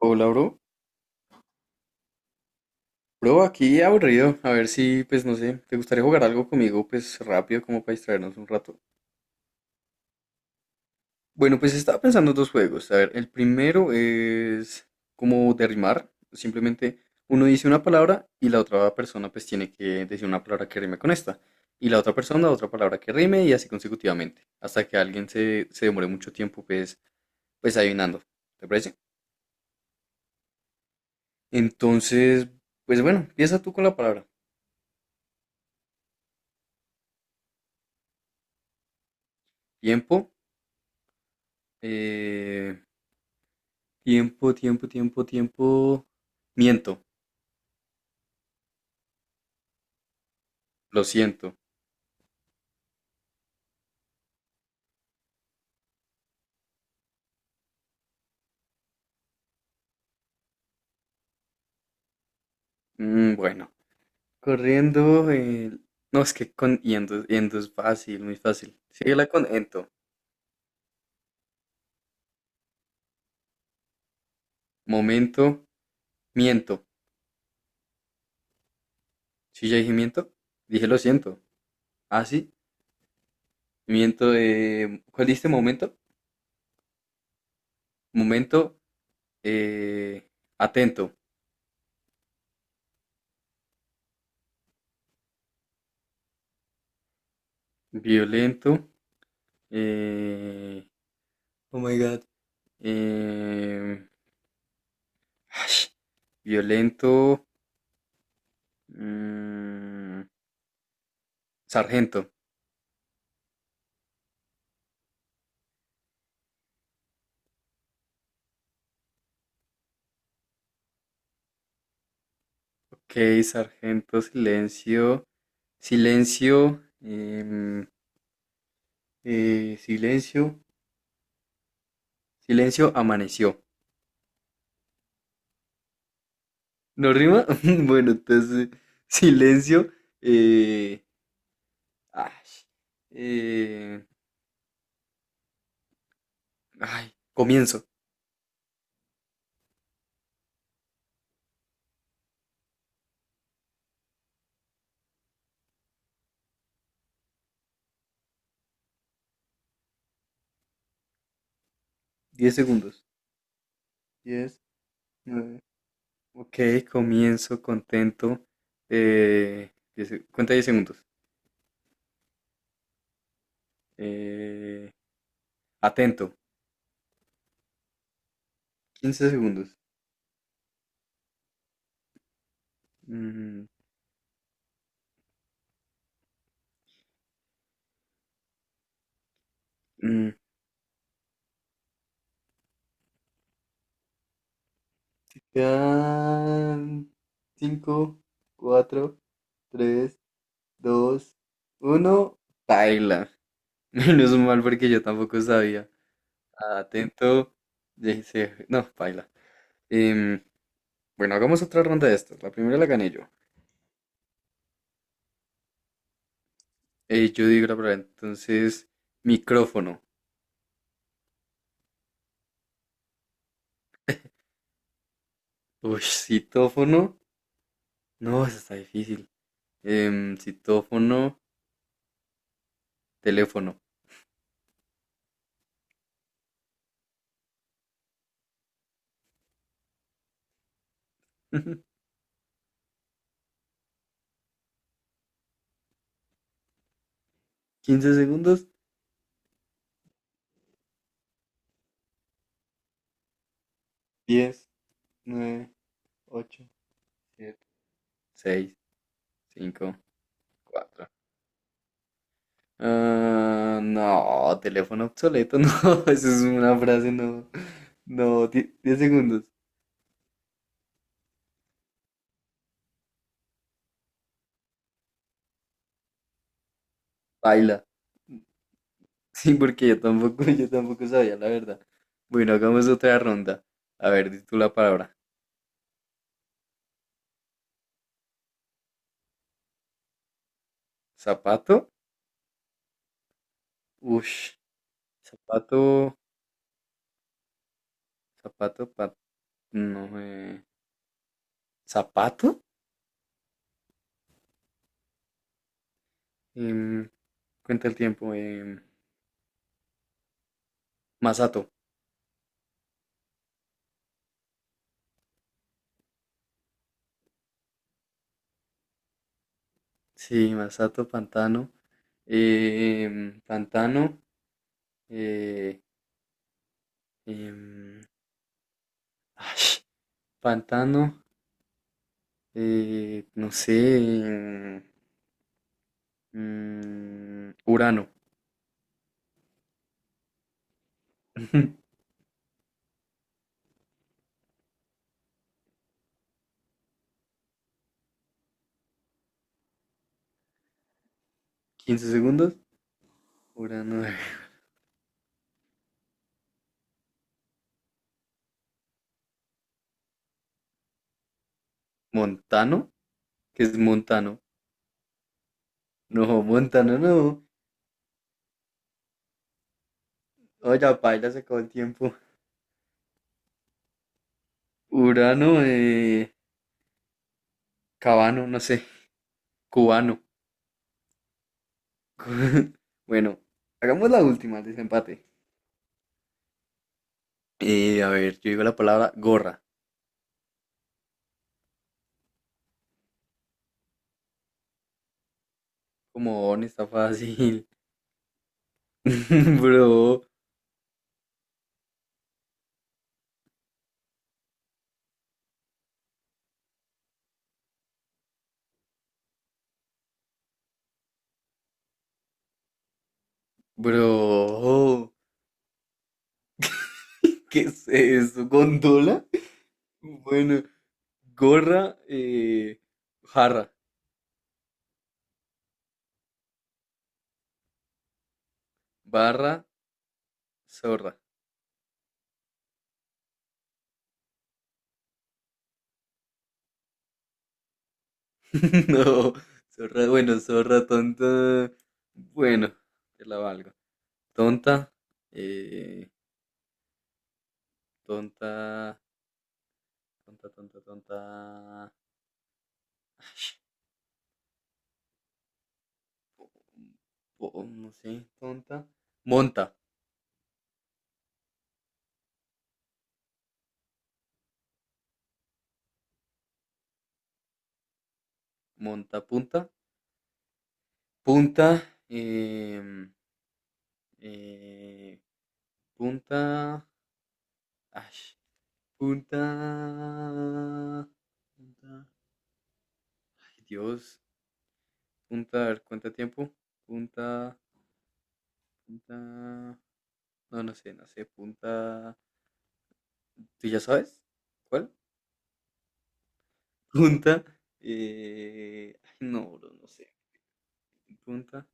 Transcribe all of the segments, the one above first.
Hola, bro. Bro, aquí aburrido. A ver si, pues no sé, ¿te gustaría jugar algo conmigo, pues rápido, como para distraernos un rato? Bueno, pues estaba pensando dos juegos. A ver, el primero es como de rimar. Simplemente uno dice una palabra y la otra persona pues tiene que decir una palabra que rime con esta. Y la otra persona otra palabra que rime y así consecutivamente. Hasta que alguien se demore mucho tiempo pues adivinando. ¿Te parece? Entonces, pues bueno, empieza tú con la palabra. Tiempo. Eh... Tiempo, tiempo, tiempo, tiempo. Miento, lo siento. Bueno, corriendo. No, es que con yendo, yendo es fácil, muy fácil. Síguela con ento. Momento, miento. Si ya dije miento, dije lo siento. Ah, sí, miento. ¿Cuál dijiste momento? Momento, eh, atento. Violento. eh, Oh my God. em, Violento. mm, Sargento. Ok, sargento, silencio, silencio, silencio, silencio, amaneció. ¿No rima? Bueno, entonces, silencio, eh, ay, eh, ay, comienzo. 10 segundos. Diez, nueve. Ok, comienzo, contento. Cuenta 10 segundos. Eh, atento. 15 segundos. Mm, mm. Quedan 5, 4, 3, 2, 1. Paila. Menos mal porque yo tampoco sabía. Atento. Dice, no, paila. Em, bueno, hagamos otra ronda de estas. La primera la gané yo. Yo digo la palabra. Entonces, micrófono. Uy, citófono. No, eso está difícil. Citófono, teléfono. 15 segundos. Diez, nueve, ocho, siete, seis, cinco, cuatro. Ah, no, teléfono obsoleto, no. Eso es una frase, no. No, 10 segundos. Baila. Sí, porque yo tampoco, yo tampoco sabía la verdad. Bueno, hagamos otra ronda. A ver, di tú la palabra. ¿Zapato? Ush. Zapato. Zapato. No, ¿Zapato? Em, Cuenta el tiempo. Masato. Sí, Masato, pantano. Pantano. eh, Em, Ay, pantano, no sé, em, Urano. 15 segundos. Urano, Montano, ¿qué es Montano? No, Montano no. Oye, paila, se acabó el tiempo. Urano, Cabano, no sé, cubano. Bueno, hagamos la última, el desempate. A ver, yo digo la palabra gorra. Como on, está fácil. Bro, bro. ¿Qué es eso? ¿Gondola? Bueno, gorra, jarra, barra, zorra. No, zorra, bueno, zorra, tonta. Bueno, te la valgo. Tonta, eh, tonta, tonta, tonta, tonta. No sé, tonta. Monta, monta, punta, punta, em, eh, punta. Ash, punta. Punta. Ay, Dios. Punta, a ver, ¿cuánto tiempo? Punta. Punta. No, no sé, no sé. Punta. ¿Tú ya sabes? ¿Cuál? Punta. Ay, no, bro, no sé. Punta.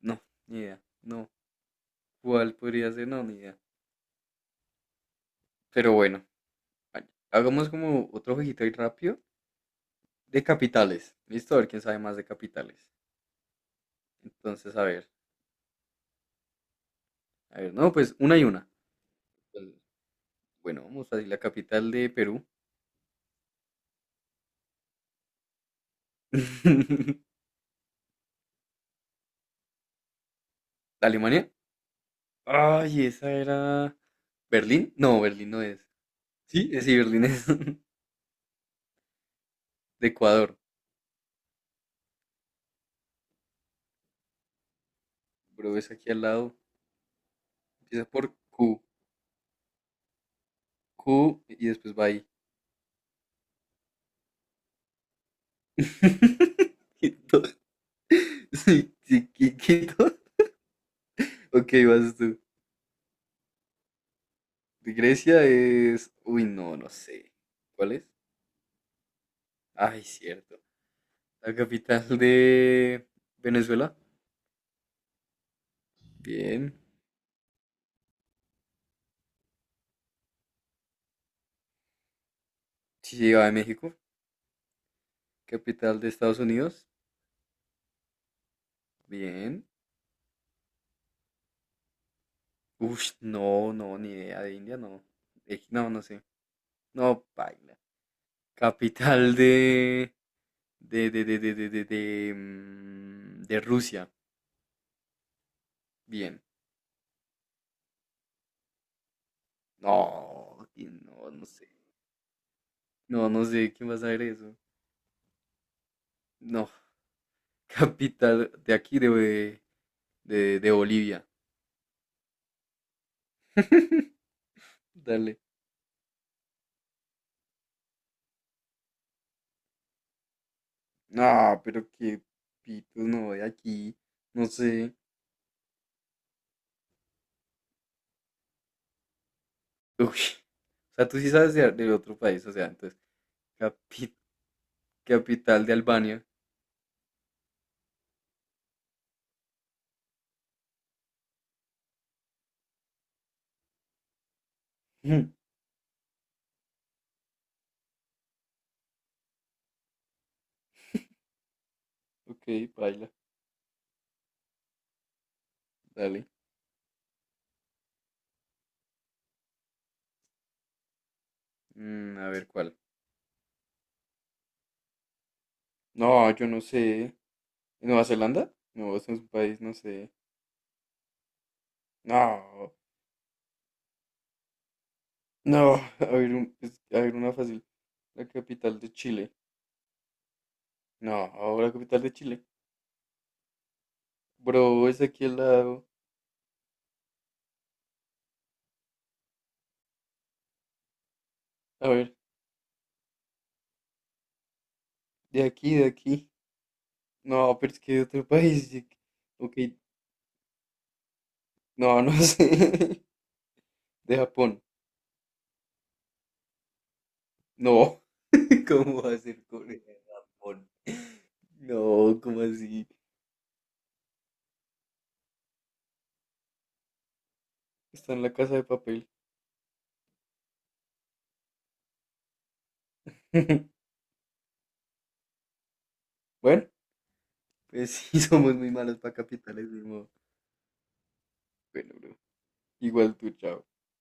No, ni idea. No. ¿Cuál podría ser? No, ni idea. Pero bueno, vale, hagamos como otro jueguito ahí rápido. De capitales. Listo, a ver quién sabe más de capitales. Entonces, a ver. A ver, no, pues una y una. Bueno, vamos a decir la capital de Perú. ¿Alemania? Ay, esa era. ¿Berlín? No, Berlín no es. Sí, sí, Berlín es de Ecuador. Bro, es aquí al lado. Empieza por Q. Q y después va ahí. Quito. Sí, sí, Quito. Ok, vas tú. De Grecia es. Uy, no, no sé. ¿Cuál es? Ay, cierto. La capital de Venezuela. Bien. Sí, sí, va de México. Capital de Estados Unidos. Bien. Uf, no, no, ni idea de India, no. No, no sé. No, baila. Capital de... De Rusia. Bien. No, y no, no sé. No, no sé quién va a saber eso. No. Capital de aquí, de Bolivia. Dale. No, pero qué pitos, no, de aquí. No sé. Uy, o sea, tú sí sabes de otro país, o sea, entonces, capi- capital de Albania. Ujú. Ok, baila, dale. A ver, ¿cuál? No, yo no sé. ¿Nueva Zelanda? No, eso es un país, no sé. No, no, a ver, a ver una fácil. La capital de Chile. No, la capital de Chile. Bro, es aquí al lado. A ver, de aquí, de aquí. No, pero es que de otro país. Ok, no, no sé. De Japón. No, ¿cómo va a ser con el Japón? No, ¿cómo así? Está en la casa de papel. Bueno, pues sí, somos muy malos para capitales, de modo. Bueno, bro, igual tú, chao.